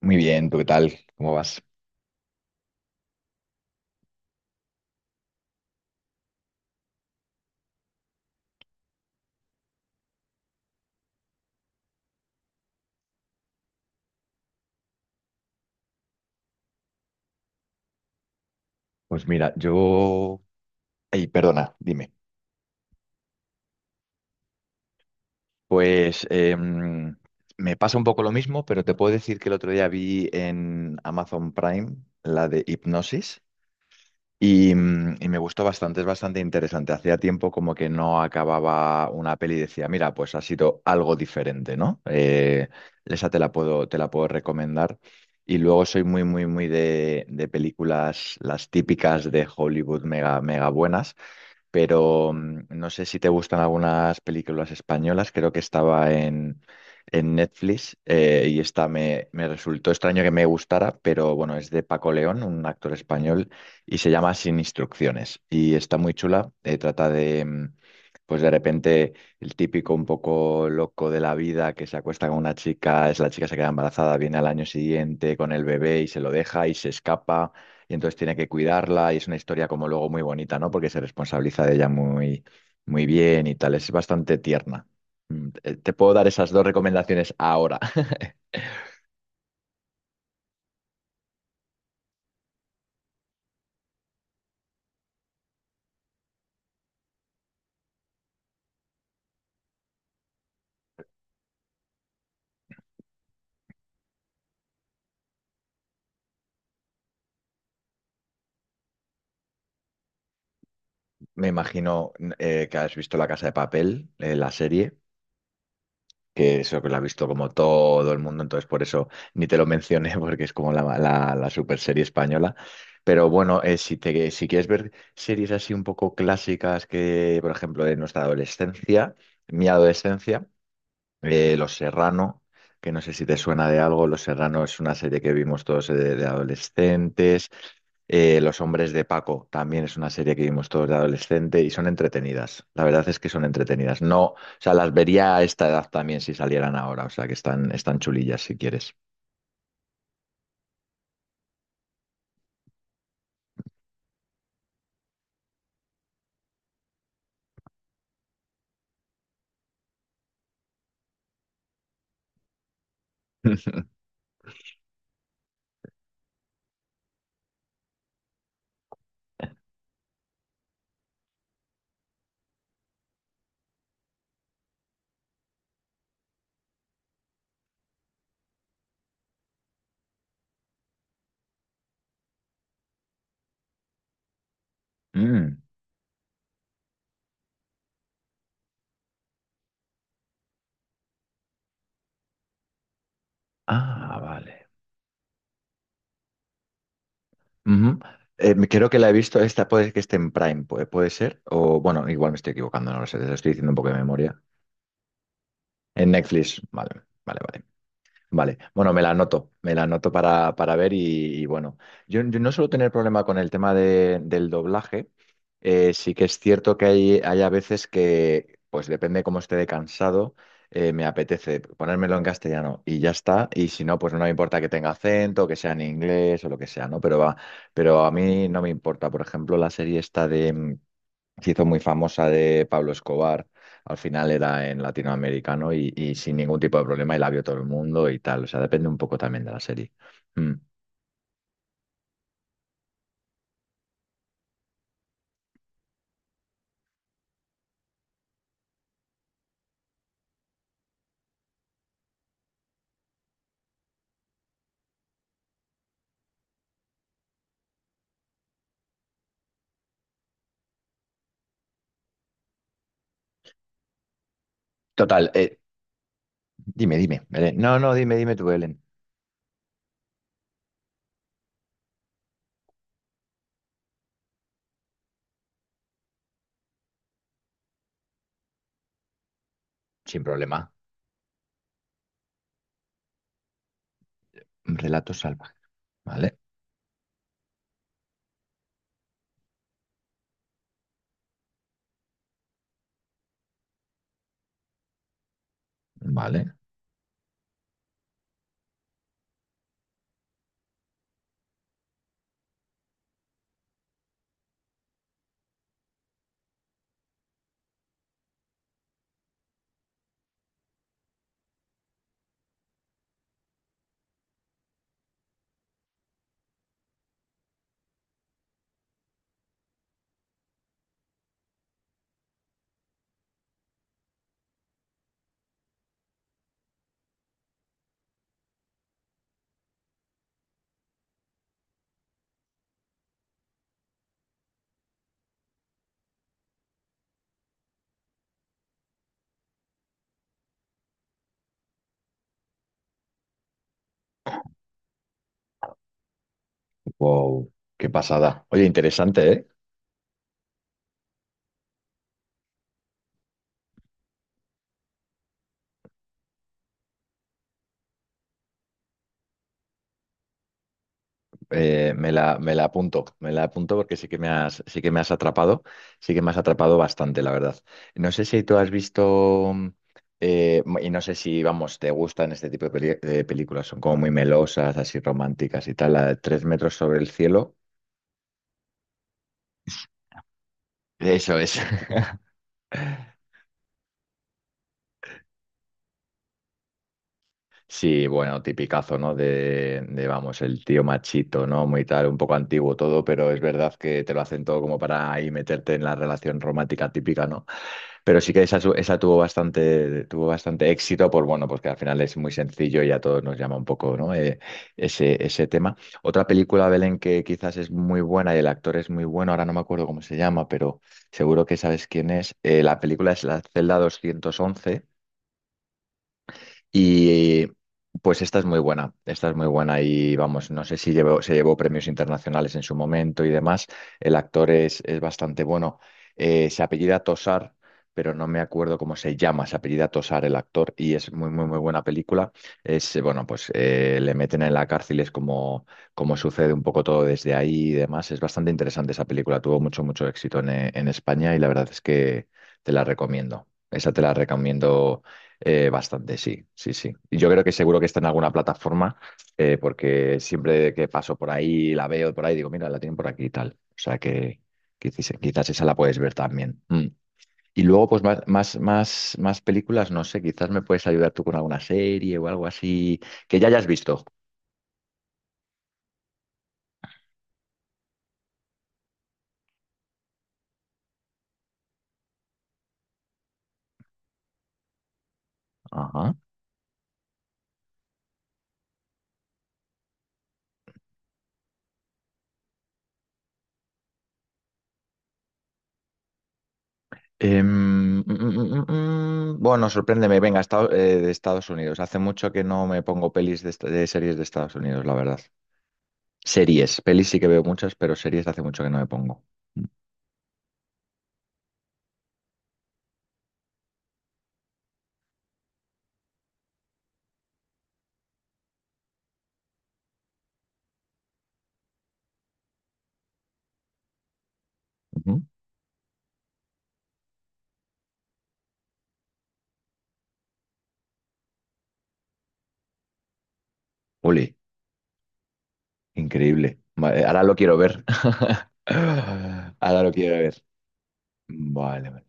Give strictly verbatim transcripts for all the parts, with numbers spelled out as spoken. Muy bien, ¿tú qué tal? ¿Cómo vas? Pues mira, yo... Ay, perdona, dime. Pues em, me pasa un poco lo mismo, pero te puedo decir que el otro día vi en Amazon Prime la de Hipnosis y, mm, y me gustó bastante, es bastante interesante. Hacía tiempo como que no acababa una peli y decía, mira, pues ha sido algo diferente, ¿no? Eh, esa te la puedo, te la puedo recomendar. Y luego soy muy, muy, muy de, de películas, las típicas de Hollywood mega, mega buenas. Pero mm, no sé si te gustan algunas películas españolas, creo que estaba en, en Netflix, eh, y esta me, me resultó extraño que me gustara, pero bueno, es de Paco León, un actor español, y se llama Sin instrucciones y está muy chula, eh, trata de... mm, pues de repente el típico un poco loco de la vida que se acuesta con una chica, es la chica se queda embarazada, viene al año siguiente con el bebé y se lo deja y se escapa, y entonces tiene que cuidarla y es una historia como luego muy bonita, ¿no? Porque se responsabiliza de ella muy, muy bien y tal, es bastante tierna. Mm, eh, Te puedo dar esas dos recomendaciones ahora. Me imagino eh, que has visto La Casa de Papel, eh, la serie, que eso que lo ha visto como todo el mundo, entonces por eso ni te lo mencioné porque es como la, la, la super serie española. Pero bueno, eh, si te, si quieres ver series así un poco clásicas que, por ejemplo, de nuestra adolescencia, mi adolescencia, eh, Los Serrano, que no sé si te suena de algo. Los Serrano es una serie que vimos todos, eh, de, de adolescentes. Eh, Los Hombres de Paco también es una serie que vimos todos de adolescente y son entretenidas. La verdad es que son entretenidas. No, o sea, las vería a esta edad también si salieran ahora. O sea, que están, están chulillas si quieres. Mm. Ah, vale. Ujú. Eh, creo que la he visto, esta puede que esté en Prime, puede, puede ser, o bueno, igual me estoy equivocando, no lo sé, te lo estoy diciendo un poco de memoria. En Netflix, vale, vale, vale. Vale, bueno, me la anoto, me la anoto para, para ver y, y bueno, yo, yo no suelo tener problema con el tema de- del doblaje. Eh, sí que es cierto que hay, hay a veces que, pues depende cómo esté de cansado, eh, me apetece ponérmelo en castellano y ya está, y si no, pues no me importa que tenga acento, que sea en inglés o lo que sea, ¿no? Pero, va, pero a mí no me importa, por ejemplo, la serie esta de... mm, se hizo muy famosa, de Pablo Escobar, al final era en latinoamericano y, y sin ningún tipo de problema y la vio todo el mundo y tal. O sea, depende un poco también de la serie. Mm. Total, eh, dime, dime, Belén. No, no, dime, dime tú, Belén. Sin problema. Un Relato salvaje. Vale, vale. Wow, qué pasada. Oye, interesante, ¿eh? Eh, me la, me la apunto, me la apunto porque sí que me has, sí que me has atrapado, sí que me has atrapado bastante, la verdad. No sé si tú has visto, eh, y no sé si, vamos, te gustan este tipo de, peli- de películas, son como muy melosas, así románticas y tal, la de Tres metros sobre el cielo. Eso es. Sí, bueno, tipicazo, ¿no? De, de, vamos, el tío machito, ¿no? Muy tal, un poco antiguo todo, pero es verdad que te lo hacen todo como para ahí meterte en la relación romántica típica, ¿no? Pero sí que esa, su- esa tuvo bastante, tuvo bastante éxito, por bueno, pues que al final es muy sencillo y a todos nos llama un poco, ¿no? Eh, ese, ese tema. Otra película, Belén, que quizás es muy buena y el actor es muy bueno, ahora no me acuerdo cómo se llama, pero seguro que sabes quién es. Eh, la película es La Celda doscientos once. Y eh, pues esta es muy buena, esta es muy buena y vamos, no sé si llevó- se llevó premios internacionales en su momento y demás. El actor es, es bastante bueno. Eh, se apellida Tosar, pero no me acuerdo cómo se llama, se apellida Tosar el actor y es muy, muy, muy buena película. Es, eh, bueno, pues eh, le meten en la cárcel, es como, como sucede un poco todo desde ahí y demás. Es bastante interesante esa película, tuvo mucho, mucho éxito en, eh, en España y la verdad es que te la recomiendo. Esa te la recomiendo eh, bastante, sí, sí, sí. Y yo creo que seguro que está en alguna plataforma, eh, porque siempre que paso por ahí, la veo por ahí, digo, mira, la tienen por aquí y tal. O sea que quizás, quizás esa la puedes ver también. Mm. Y luego, pues más, más, más, más películas, no sé, quizás me puedes ayudar tú con alguna serie o algo así que ya hayas visto. Ajá. Em, mm, mm, mm, mm, mm. Bueno, sorpréndeme, venga, esta- eh, de Estados Unidos. Hace mucho que no me pongo pelis de, esta- de series de Estados Unidos, la verdad. Series, pelis sí que veo muchas, pero series hace mucho que no me pongo. Ujú. Ole, increíble. Vale, ahora lo quiero ver. Ahora lo quiero ver. Vale, vale.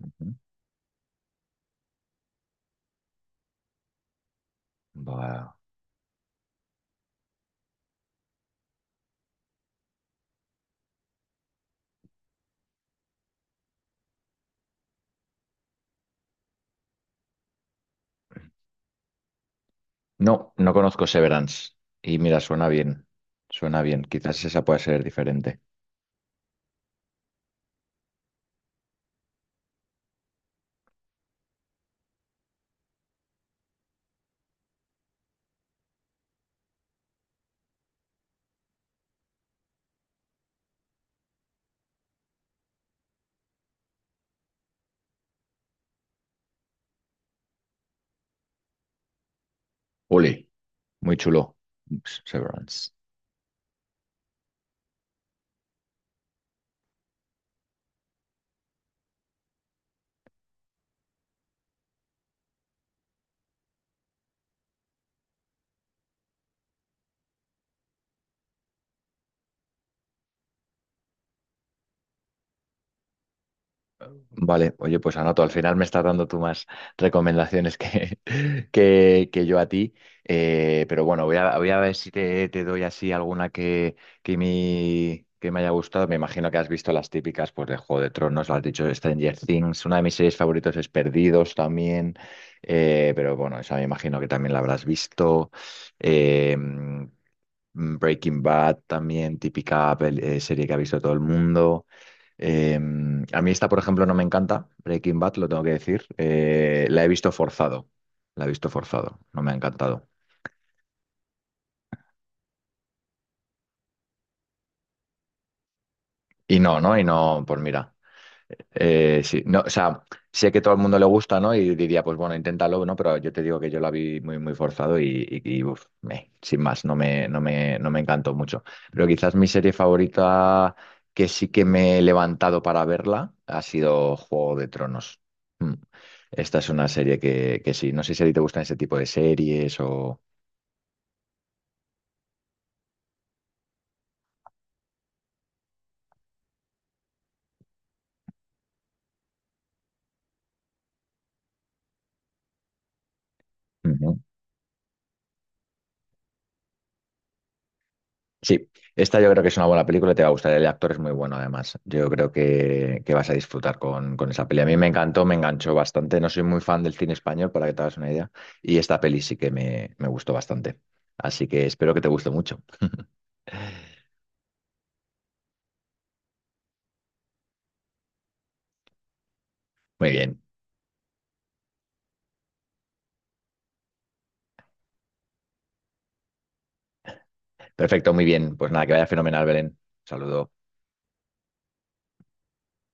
Ujú. Va. No, no conozco Severance. Y mira, suena bien. Suena bien. Quizás esa pueda ser diferente. Ole, muy chulo. Severance. Vale, oye, pues anoto, al final me estás dando tú más recomendaciones que, que, que yo a ti. Eh, pero bueno, voy a, voy a ver si te, te doy así alguna que, que, mi- que me haya gustado. Me imagino que has visto las típicas, pues de Juego de Tronos, lo has dicho Stranger Things, una de mis series favoritos es Perdidos también. Eh, pero bueno, esa me imagino que también la habrás visto. Eh, Mm, Breaking Bad también, típica pel- eh, serie que ha visto todo el mundo. Em, a mí esta, por ejemplo, no me encanta, Breaking Bad, lo tengo que decir. Eh, la he visto forzado, la he visto forzado, no me ha encantado. Y no, ¿no? Y no, pues mira. Eh, sí, no, o sea, sé que todo el mundo le gusta, ¿no? Y diría, pues bueno, inténtalo, ¿no? Pero yo te digo que yo la vi muy, muy forzado y, y- y, uf, me- sin más, no me, no me, no me encantó mucho. Pero quizás mi serie favorita que sí que me he levantado para verla ha sido Juego de Tronos. Mm. Esta es una serie que, que sí, no sé si a ti te gustan ese tipo de series o... Sí, esta yo creo que es una buena película, te va a gustar, el actor es muy bueno además, yo creo que, que vas a disfrutar con, con esa peli. A mí me encantó, me enganchó bastante, no soy muy fan del cine español, para que te hagas una idea, y esta peli sí que me, me gustó bastante, así que espero que te guste mucho. Muy bien, perfecto, muy bien, pues nada, que vaya fenomenal, Belén. Saludo.